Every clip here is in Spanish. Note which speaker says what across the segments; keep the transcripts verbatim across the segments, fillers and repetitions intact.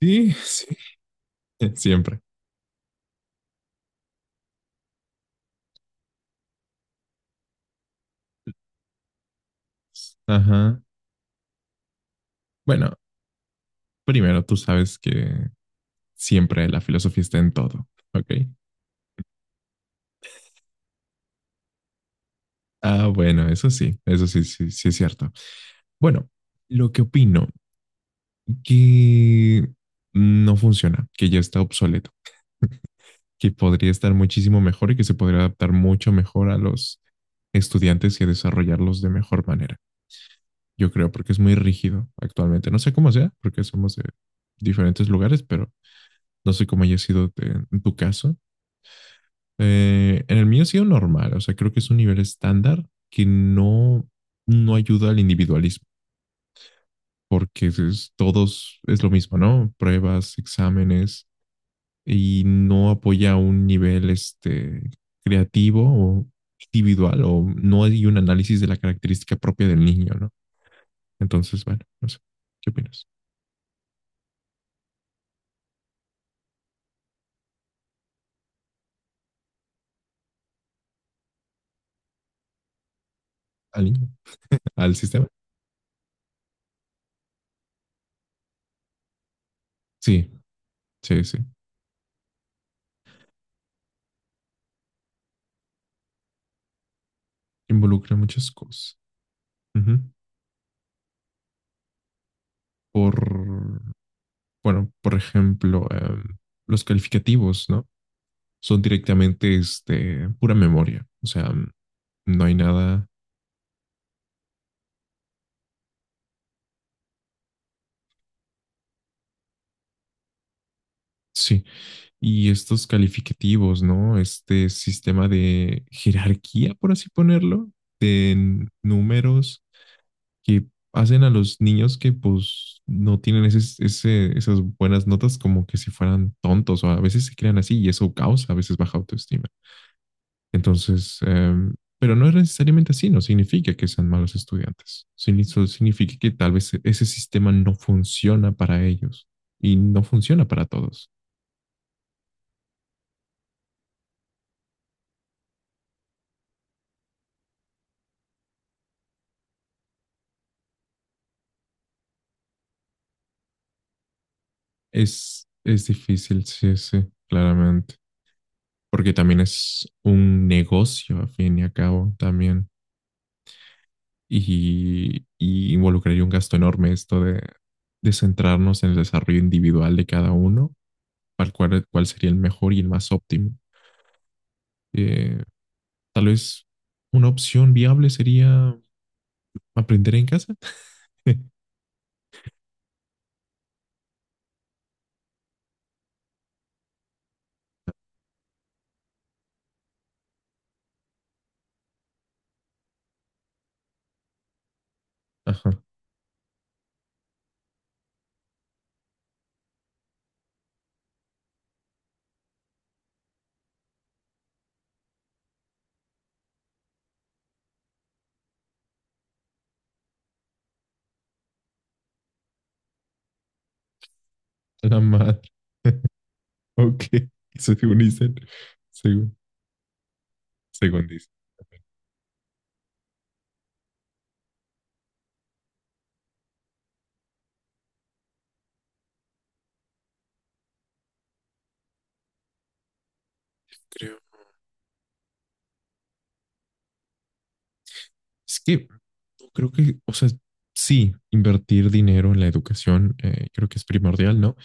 Speaker 1: Sí, sí, siempre. Ajá. Bueno, primero tú sabes que siempre la filosofía está en todo, ¿ok? Ah, bueno, eso sí, eso sí, sí, sí es cierto. Bueno, lo que opino, que no funciona, que ya está obsoleto, que podría estar muchísimo mejor y que se podría adaptar mucho mejor a los estudiantes y desarrollarlos de mejor manera. Yo creo, porque es muy rígido actualmente. No sé cómo sea, porque somos de diferentes lugares, pero no sé cómo haya sido de- en tu caso. Eh, en el mío ha sido normal, o sea, creo que es un nivel estándar que no, no ayuda al individualismo, porque es, todos es lo mismo, ¿no? Pruebas, exámenes, y no apoya un nivel este, creativo o individual, o no hay un análisis de la característica propia del niño, ¿no? Entonces, bueno, no sé, ¿qué opinas? ¿Al niño? ¿Al sistema? Sí, sí, sí. Involucra muchas cosas. Ujú. Por Bueno, por ejemplo, eh, los calificativos, ¿no? Son directamente este, pura memoria, o sea, no hay nada. Sí, y estos calificativos, ¿no? Este sistema de jerarquía, por así ponerlo, de n- números que hacen a los niños que pues no tienen ese- ese- esas buenas notas como que si fueran tontos o a veces se crean así y eso causa a veces baja autoestima. Entonces, eh, pero no es necesariamente así, no significa que sean malos estudiantes. Sin- solo significa que tal vez e-, ese sistema no funciona para ellos y no funciona para todos. Es, es difícil, sí, sí, claramente, porque también es un negocio a fin y a cabo también y, y involucraría un gasto enorme esto de, de centrarnos en el desarrollo individual de cada uno, para cuál, cuál sería el mejor y el más óptimo. Eh, Tal vez una opción viable sería aprender en casa. Ajá, la madre. Ok, eso según dicen. Según, según dicen. Creo. Es que no creo que, o sea, sí, invertir dinero en la educación eh, creo que es primordial, ¿no?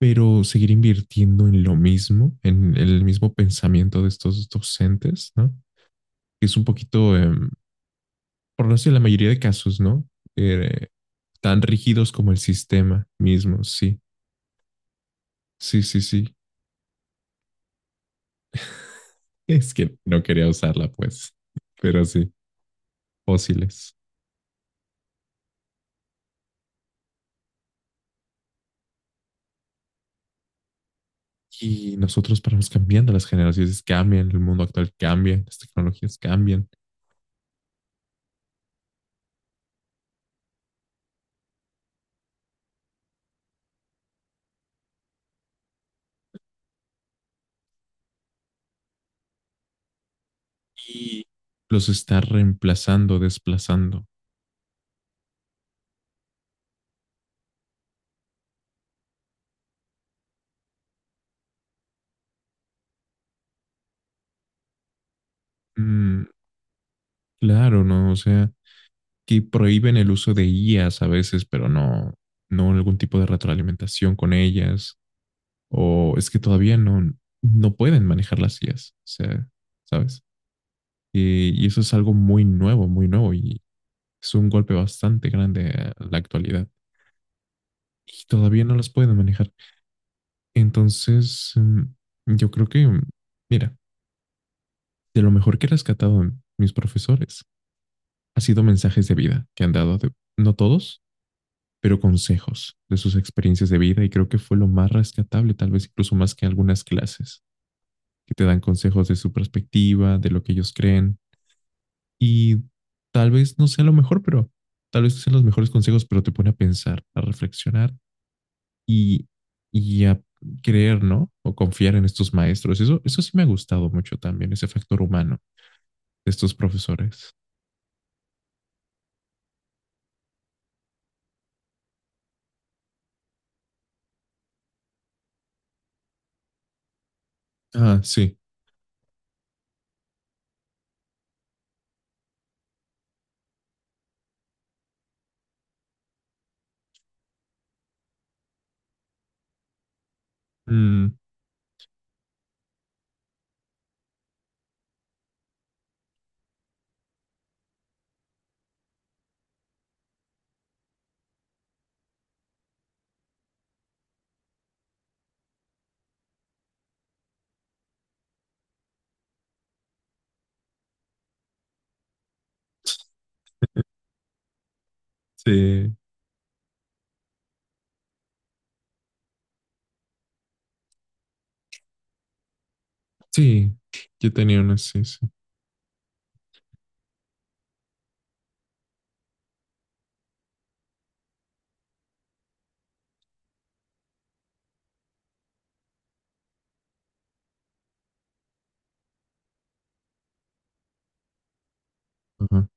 Speaker 1: Pero seguir invirtiendo en lo mismo, en el mismo pensamiento de estos docentes, ¿no? Es un poquito, eh, por no decir la mayoría de casos, ¿no? Eh, Tan rígidos como el sistema mismo, sí. Sí, sí, sí. Es que no quería usarla, pues. Pero sí, fósiles. Y nosotros vamos cambiando, las generaciones cambian, el mundo actual cambia, las tecnologías cambian y los está reemplazando, desplazando. Mm, claro, ¿no? O sea, que prohíben el uso de I As a veces, pero no, no algún tipo de retroalimentación con ellas. O es que todavía no, no pueden manejar las I As. O sea, ¿sabes? Y, y eso es algo muy nuevo, muy nuevo. Y es un golpe bastante grande a la actualidad y todavía no las pueden manejar. Entonces, mm, yo creo que, mm, mira, de lo mejor que he rescatado en mis profesores ha sido mensajes de vida que han dado, de- no todos, pero consejos de sus experiencias de vida y creo que fue lo más rescatable, tal vez incluso más que algunas clases, que te dan consejos de su perspectiva, de lo que ellos creen y tal vez no sea lo mejor, pero tal vez no sean los mejores consejos, pero te pone a pensar, a reflexionar y, y a creer, ¿no? O confiar en estos maestros. Eso, eso sí me ha gustado mucho también, ese factor humano de estos profesores. Ah, sí. Mm, sí. Sí, yo tenía una, sí, sí. Ajá.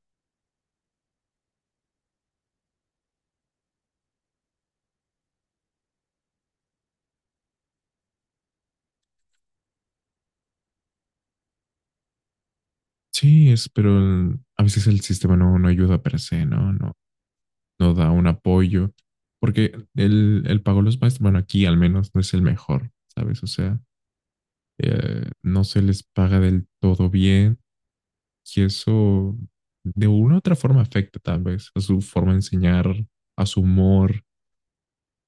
Speaker 1: Sí, es, pero el- a veces el sistema no, no ayuda per se, ¿no? No, no da un apoyo. Porque el, el pago a los maestros, bueno, aquí al menos no es el mejor, ¿sabes? O sea, eh, no se les paga del todo bien. Y eso de una u otra forma afecta tal vez a su forma de enseñar, a su humor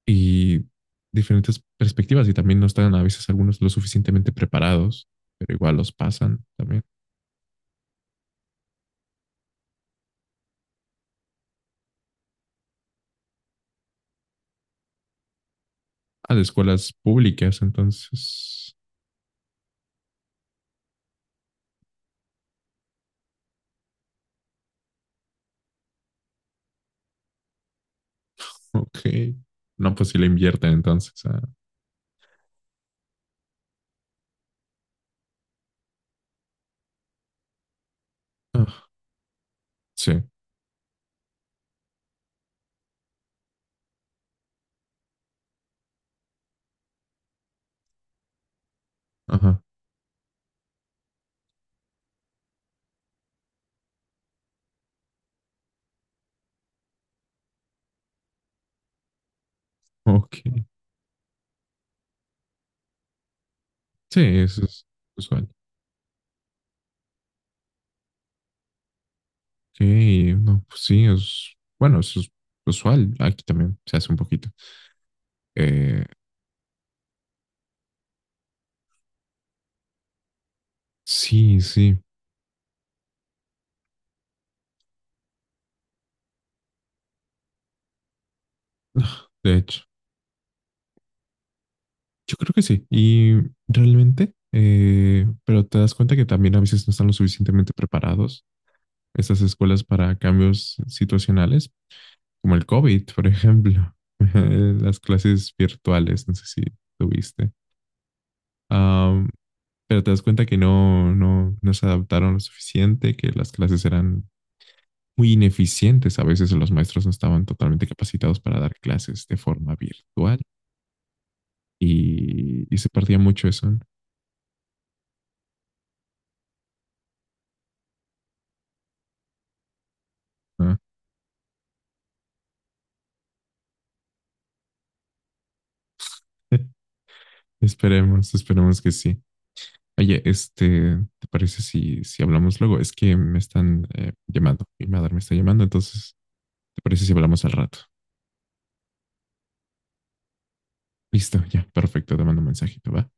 Speaker 1: y diferentes perspectivas. Y también no están a veces algunos lo suficientemente preparados, pero igual los pasan también a de escuelas públicas. Entonces, ok. No, pues si le invierten entonces a... ah, sí, ajá, ok. Sí, eso es usual. Ok, no, pues sí, es... Bueno, eso es usual. Aquí también se hace un poquito. Eh, sí, sí. De hecho, yo creo que sí. Y realmente, eh, pero te das cuenta que también a veces no están lo suficientemente preparados estas escuelas para cambios situacionales, como el COVID, por ejemplo, las clases virtuales, no sé si tuviste. Am, pero te das cuenta que no, no, no se adaptaron lo suficiente, que las clases eran muy ineficientes. A veces los maestros no estaban totalmente capacitados para dar clases de forma virtual y, y se perdía mucho eso. ¿No? Esperemos, esperemos que sí. Oye, este, ¿te parece si, si hablamos luego? Es que me están eh, llamando, mi madre me está llamando, entonces, ¿te parece si hablamos al rato? Listo, ya, perfecto, te mando un mensajito, ¿va?